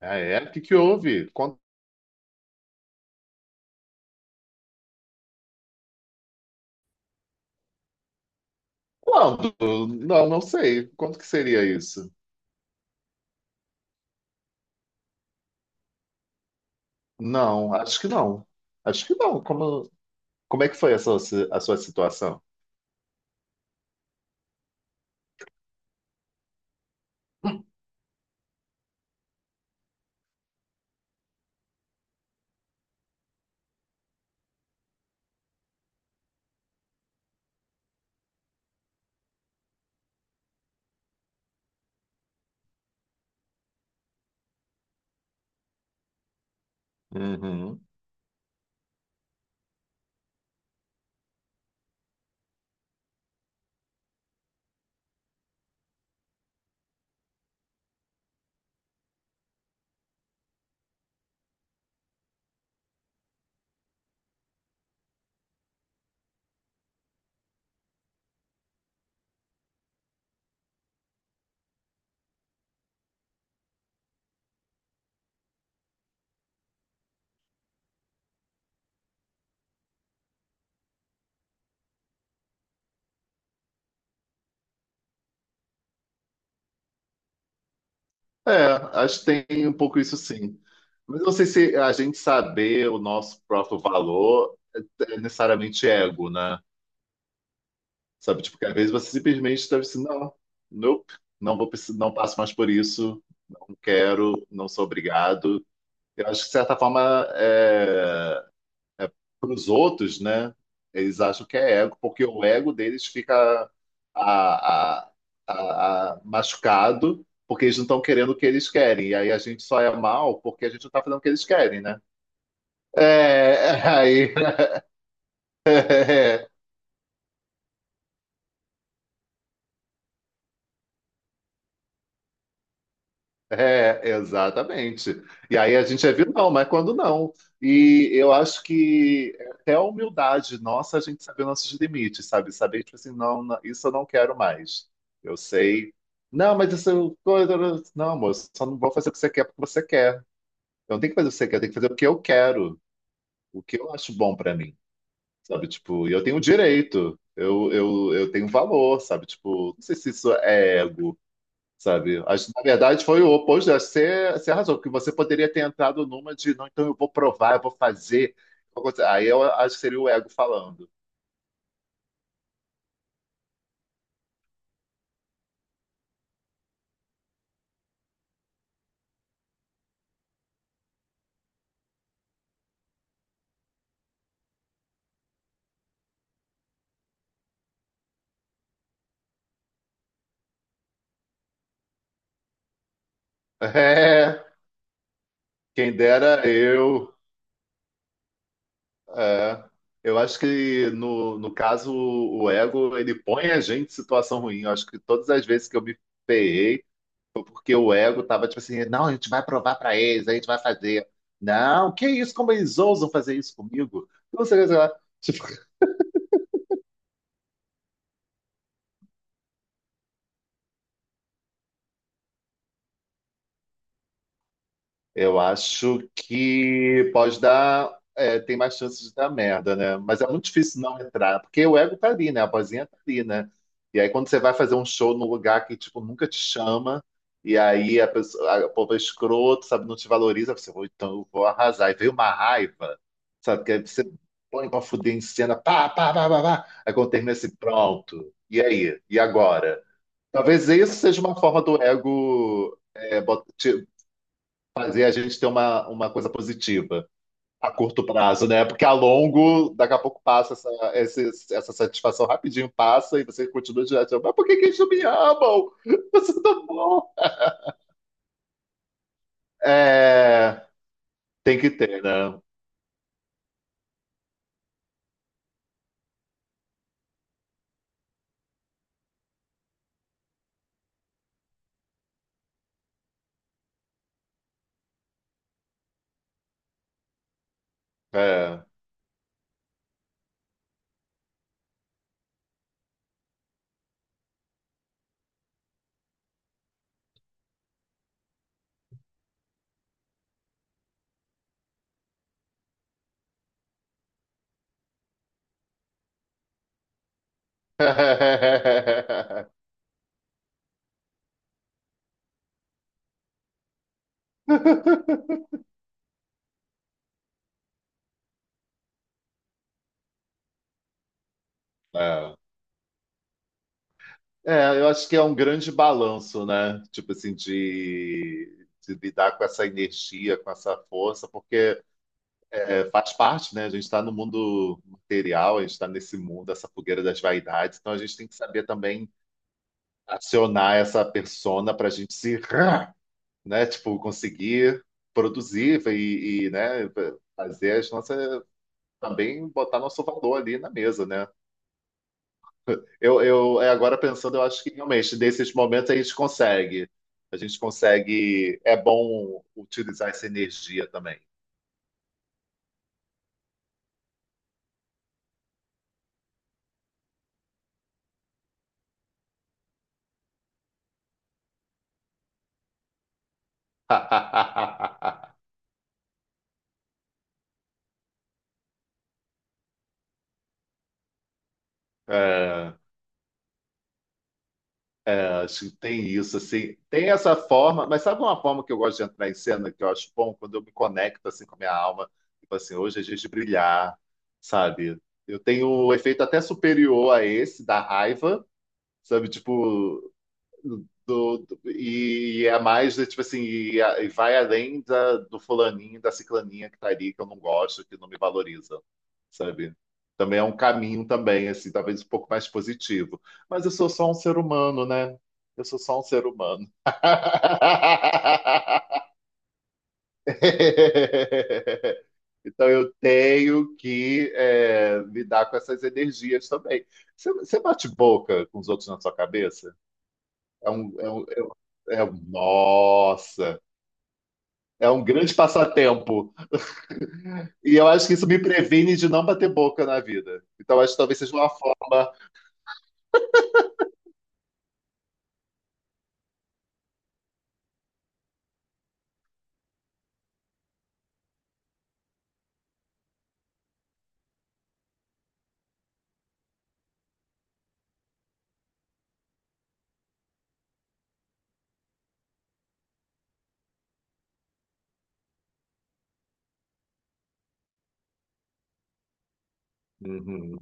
Ah, é? O que que houve? Quanto- Quando? Não, sei. Quanto que seria isso? Não, acho que não. Acho que não. Como, como é que foi a sua, si- a sua situação? Uhum. É, acho que tem um pouco isso sim. Mas eu não sei se a gente saber o nosso próprio valor é necessariamente ego, né? Sabe, tipo, que às vezes você simplesmente deve assim, não, nope, não vou, precis- não passo mais por isso, não quero, não sou obrigado. Eu acho que, de certa forma, é, para os outros, né? Eles acham que é ego, porque o ego deles fica a- a- a- machucado, porque eles não estão querendo o que eles querem. E aí a gente só é mal porque a gente não está fazendo o que eles querem, né? É, aí. É, exatamente. E aí a gente é vilão, mas quando não. E eu acho que até a humildade nossa, a gente saber nossos limites, sabe? Saber, tipo assim, não, não, isso eu não quero mais. Eu sei. Não, mas isso eu. Coisa- Não, moço, só não vou fazer o que você quer porque você quer. Eu não tenho que fazer o que você quer, eu tenho que fazer o que eu quero, o que eu acho bom pra mim, sabe? Tipo, e eu tenho direito, eu tenho valor, sabe? Tipo, não sei se isso é ego, sabe? Acho, na verdade, foi o oposto. Acho que você arrasou, porque você poderia ter entrado numa de, não, então eu vou provar, eu vou fazer. Eu vou fazer." Aí eu acho que seria o ego falando. É, quem dera eu. É. Eu acho que, no caso, o ego, ele põe a gente em situação ruim. Eu acho que todas as vezes que eu me ferrei, porque o ego tava tipo assim, não, a gente vai provar para eles, a gente vai fazer. Não, que isso, como eles ousam fazer isso comigo? Não sei, o que, sei lá. Tipo, eu acho que pode dar. É, tem mais chances de dar merda, né? Mas é muito difícil não entrar, porque o ego tá ali, né? A vozinha tá ali, né? E aí, quando você vai fazer um show num lugar que, tipo, nunca te chama, e aí a pessoa, a, o povo é escroto, sabe, não te valoriza, você, "Vou- então eu vou arrasar. E veio uma raiva, sabe, que aí você põe pra fuder em cena, pá, pá, pá, pá, pá. Aí quando termina assim, pronto. E aí? E agora? Talvez isso seja uma forma do ego é, bot- fazer a gente ter uma coisa positiva a curto prazo, né? Porque a longo, daqui a pouco passa essa, esse- essa satisfação rapidinho, passa e você continua direto. Mas por que que eles não me amam? Eu sou tão bom. É, tem que ter, né? É. É. É, eu acho que é um grande balanço, né? Tipo assim, de lidar com essa energia, com essa força, porque faz parte, né? A gente está no mundo material, a gente está nesse mundo, essa fogueira das vaidades, então a gente tem que saber também acionar essa persona para a gente se, né? Tipo, conseguir produzir e, né? Fazer as nossas. Também botar nosso valor ali na mesa, né? Eu é, agora pensando, eu acho que realmente, nesses momentos, a gente consegue. A gente consegue. É bom utilizar essa energia também. É. Acho que tem isso, assim, tem essa forma, mas sabe uma forma que eu gosto de entrar em cena, que eu acho bom, quando eu me conecto, assim, com a minha alma, tipo assim, hoje é dia de brilhar, sabe? Eu tenho um efeito até superior a esse, da raiva, sabe? Tipo, do, do- e é mais de, tipo assim, e, a- e vai além da, do fulaninho, da ciclaninha que tá ali, que eu não gosto, que não me valoriza, sabe? Também é um caminho também, assim, talvez um pouco mais positivo. Mas eu sou só um ser humano, né? Eu sou só um ser humano. Então eu tenho que é, lidar com essas energias também. Você bate boca com os outros na sua cabeça? É um, é um, é um- Nossa, é um grande passatempo. E eu acho que isso me previne de não bater boca na vida. Então, acho que talvez seja uma forma. Uhum,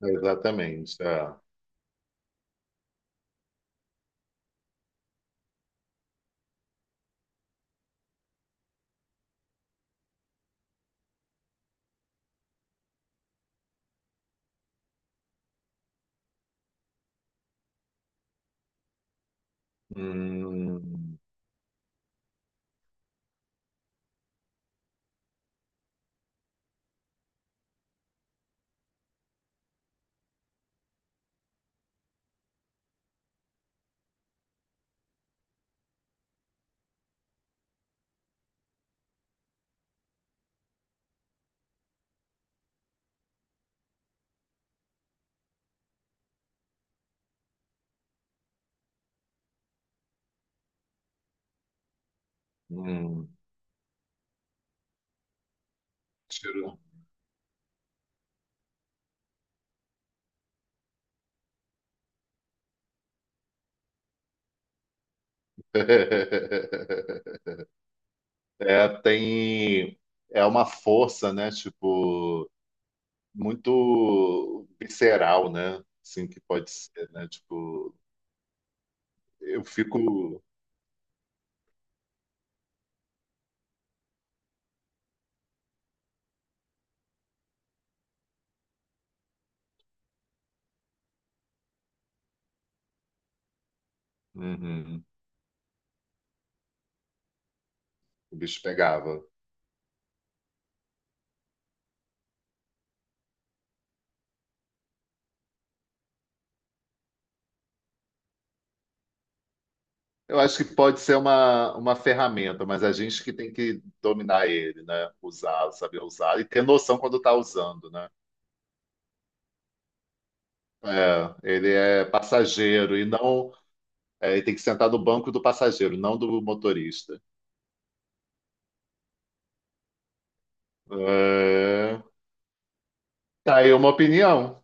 exatamente. É. Hum, hum, tiro. É, tem. É uma força, né? Tipo, muito visceral, né? Assim que pode ser, né? Tipo, eu fico. Uhum, o bicho pegava. Eu acho que pode ser uma ferramenta, mas a gente que tem que dominar ele, né? Usar, saber usar e ter noção quando está usando, né? É, ele é passageiro e não. É, ele tem que sentar no banco do passageiro, não do motorista. É, tá aí uma opinião.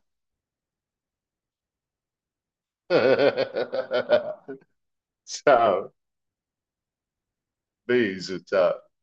Tchau. Beijo, tchau.